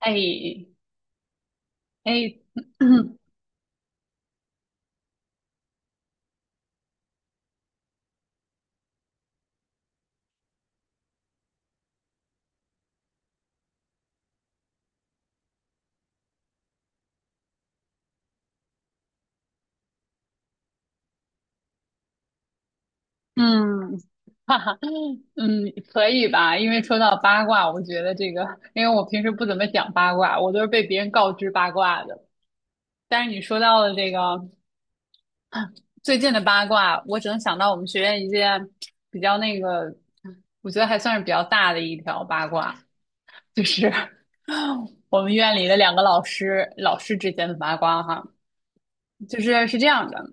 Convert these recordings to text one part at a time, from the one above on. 哎哎，嗯，哈哈，嗯，可以吧？因为说到八卦，我觉得这个，因为我平时不怎么讲八卦，我都是被别人告知八卦的。但是你说到了这个最近的八卦，我只能想到我们学院一件比较那个，我觉得还算是比较大的一条八卦，就是 我们院里的两个老师，老师之间的八卦哈，就是是这样的。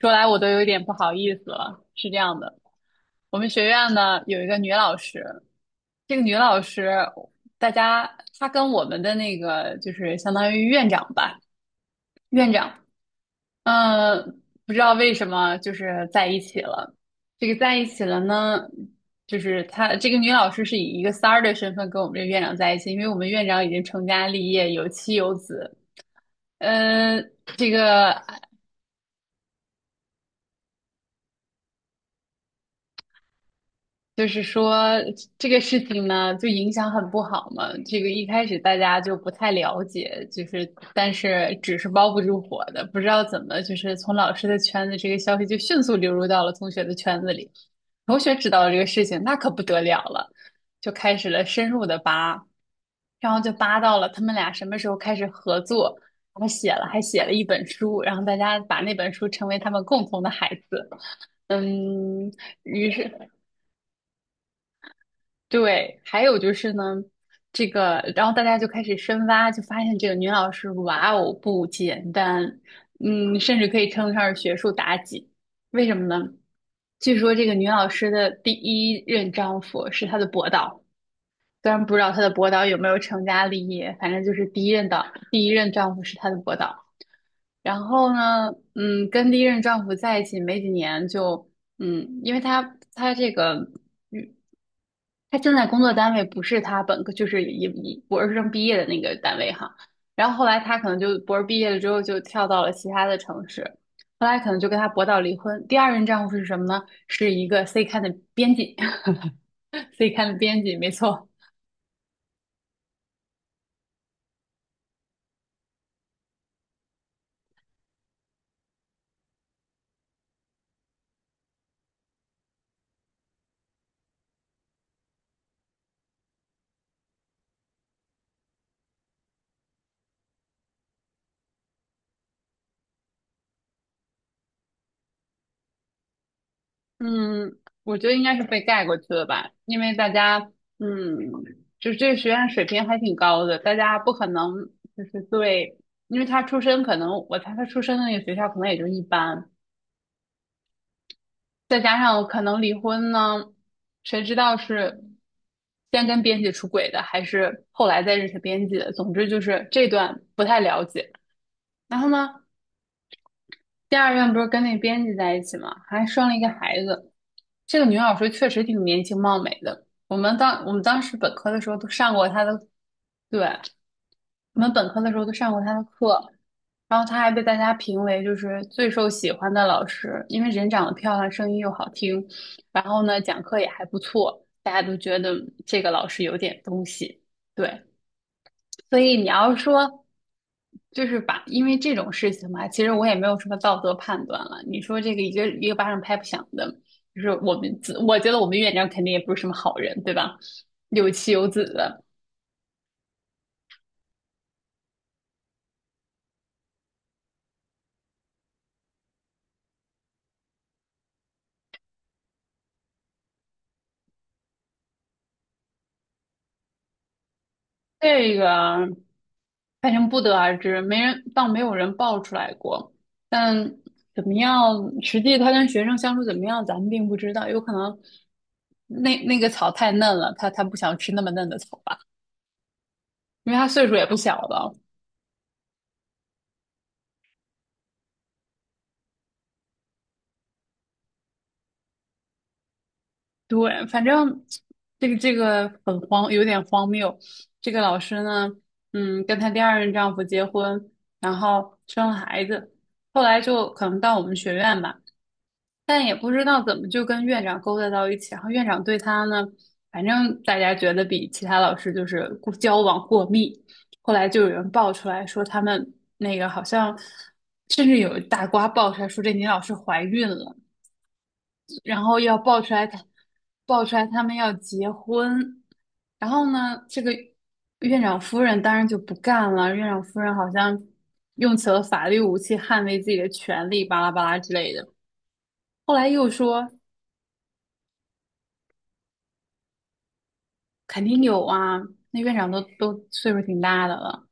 说来我都有点不好意思了。是这样的，我们学院呢有一个女老师，这个女老师，大家她跟我们的那个就是相当于院长吧，院长，嗯，不知道为什么就是在一起了。这个在一起了呢，就是她这个女老师是以一个三儿的身份跟我们这院长在一起，因为我们院长已经成家立业，有妻有子。呃，这个就是说这个事情呢，就影响很不好嘛。这个一开始大家就不太了解，就是但是纸是包不住火的，不知道怎么就是从老师的圈子，这个消息就迅速流入到了同学的圈子里。同学知道了这个事情，那可不得了了，就开始了深入的扒，然后就扒到了他们俩什么时候开始合作，还写了一本书，然后大家把那本书称为他们共同的孩子。嗯，于是对，还有就是呢，这个，然后大家就开始深挖，就发现这个女老师，哇哦，不简单，嗯，甚至可以称得上是学术妲己。为什么呢？据说这个女老师的第一任丈夫是她的博导，虽然不知道她的博导有没有成家立业，反正就是第一任的，第一任丈夫是她的博导。然后呢，嗯，跟第一任丈夫在一起没几年就，嗯，因为他他这个，嗯，他正在工作单位不是他本科，就是以博士生毕业的那个单位哈。然后后来他可能就博士毕业了之后就跳到了其他的城市，后来可能就跟他博到离婚。第二任丈夫是什么呢？是一个 C 刊的编辑 ，C 刊的编辑，没错。嗯，我觉得应该是被盖过去了吧，因为大家，嗯，就是这个学院水平还挺高的，大家不可能就是对，因为他出身可能，我猜他出身的那个学校可能也就一般，再加上可能离婚呢，谁知道是先跟编辑出轨的，还是后来再认识编辑的，总之就是这段不太了解。然后呢，第二任不是跟那编辑在一起嘛，还生了一个孩子。这个女老师确实挺年轻貌美的。我们当时本科的时候都上过她的，对，我们本科的时候都上过她的课。然后她还被大家评为就是最受喜欢的老师，因为人长得漂亮，声音又好听，然后呢讲课也还不错，大家都觉得这个老师有点东西。对，所以你要说，就是把，因为这种事情嘛，其实我也没有什么道德判断了。你说这个一个一个巴掌拍不响的，就是我们自，我觉得我们院长肯定也不是什么好人，对吧？有妻有子的，这个反正不得而知，没人，倒没有人爆出来过。但怎么样，实际他跟学生相处怎么样，咱们并不知道，有可能。那那个草太嫩了，他不想吃那么嫩的草吧，因为他岁数也不小了。对，反正这个这个很荒，有点荒谬。这个老师呢，嗯，跟她第二任丈夫结婚，然后生了孩子，后来就可能到我们学院吧，但也不知道怎么就跟院长勾搭到一起。然后院长对她呢，反正大家觉得比其他老师就是过交往过密。后来就有人爆出来说他们那个好像，甚至有大瓜爆出来说这女老师怀孕了。然后要爆出来他，爆出来他们要结婚，然后呢，这个院长夫人当然就不干了，院长夫人好像用起了法律武器捍卫自己的权利，巴拉巴拉之类的。后来又说肯定有啊，那院长都岁数挺大的了。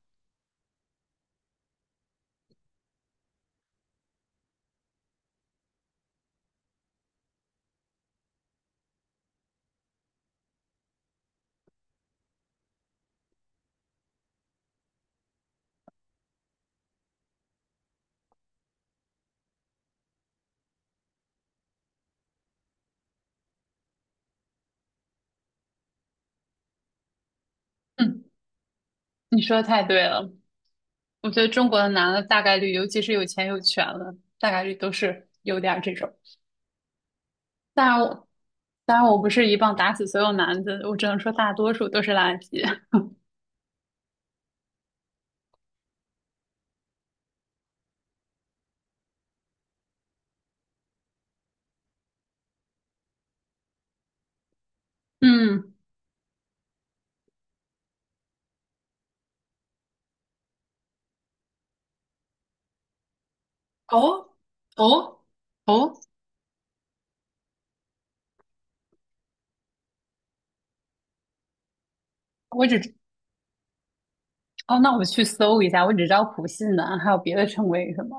嗯，你说的太对了，我觉得中国的男的大概率，尤其是有钱有权的，大概率都是有点儿这种。当然我，当然我不是一棒打死所有男的，我只能说大多数都是垃圾。嗯，哦哦哦，我只知哦，那我去搜一下，我只知道普信男，还有别的称谓是什么？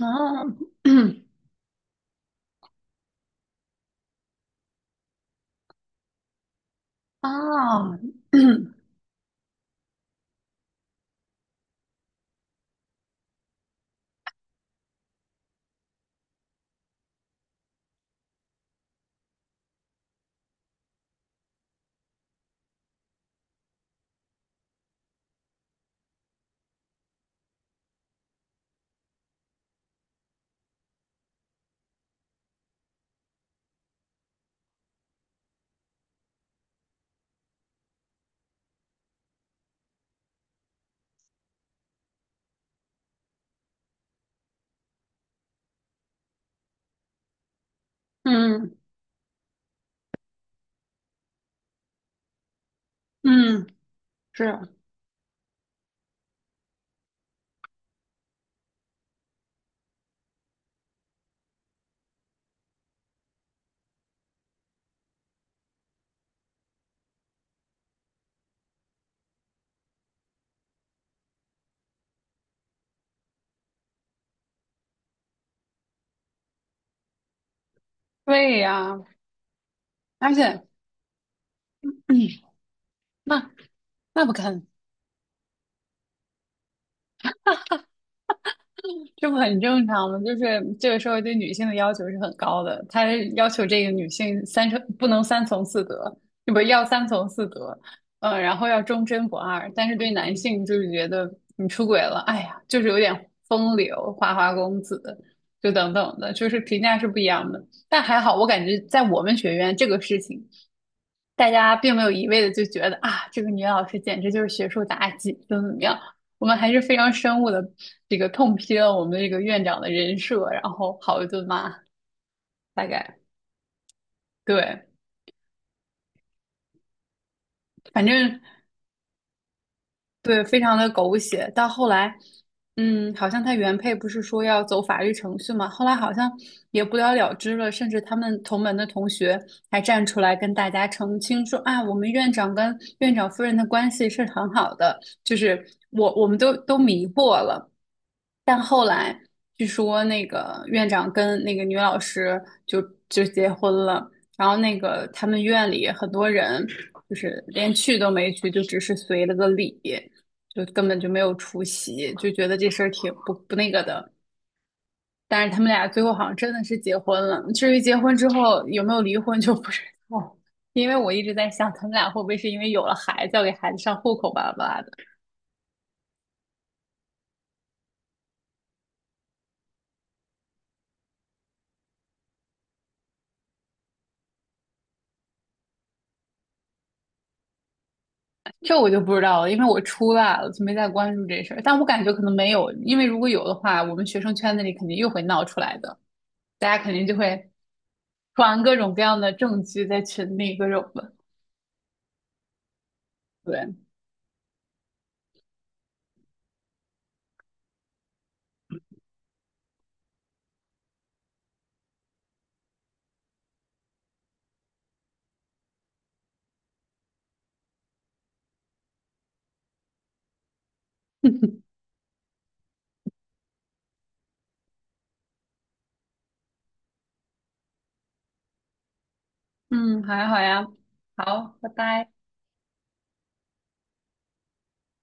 啊 啊，嗯嗯，是，对呀，而且，嗯，那那不能。这不很正常吗？就是这个社会对女性的要求是很高的，他要求这个女性三从四德，不要三从四德，嗯、然后要忠贞不二。但是对男性就是觉得你出轨了，哎呀，就是有点风流花花公子，就等等的，就是评价是不一样的。但还好，我感觉在我们学院这个事情大家并没有一味的就觉得啊，这个女老师简直就是学术妲己，怎么怎么样。我们还是非常深恶的这个痛批了我们的这个院长的人设，然后好一顿骂，大概对，反正对，非常的狗血。到后来，嗯，好像他原配不是说要走法律程序嘛，后来好像也不了了之了。甚至他们同门的同学还站出来跟大家澄清说啊，我们院长跟院长夫人的关系是很好的，就是我们都迷惑了。但后来据说那个院长跟那个女老师就就结婚了，然后那个他们院里很多人就是连去都没去，就只是随了个礼，就根本就没有出席，就觉得这事儿挺不那个的。但是他们俩最后好像真的是结婚了，至于结婚之后有没有离婚就不知道，因为我一直在想他们俩会不会是因为有了孩子要给孩子上户口吧这我就不知道了，因为我出来了，就没再关注这事儿。但我感觉可能没有，因为如果有的话，我们学生圈子里肯定又会闹出来的，大家肯定就会传各种各样的证据在群里，各种的。对，嗯，好呀，好呀，好，拜拜。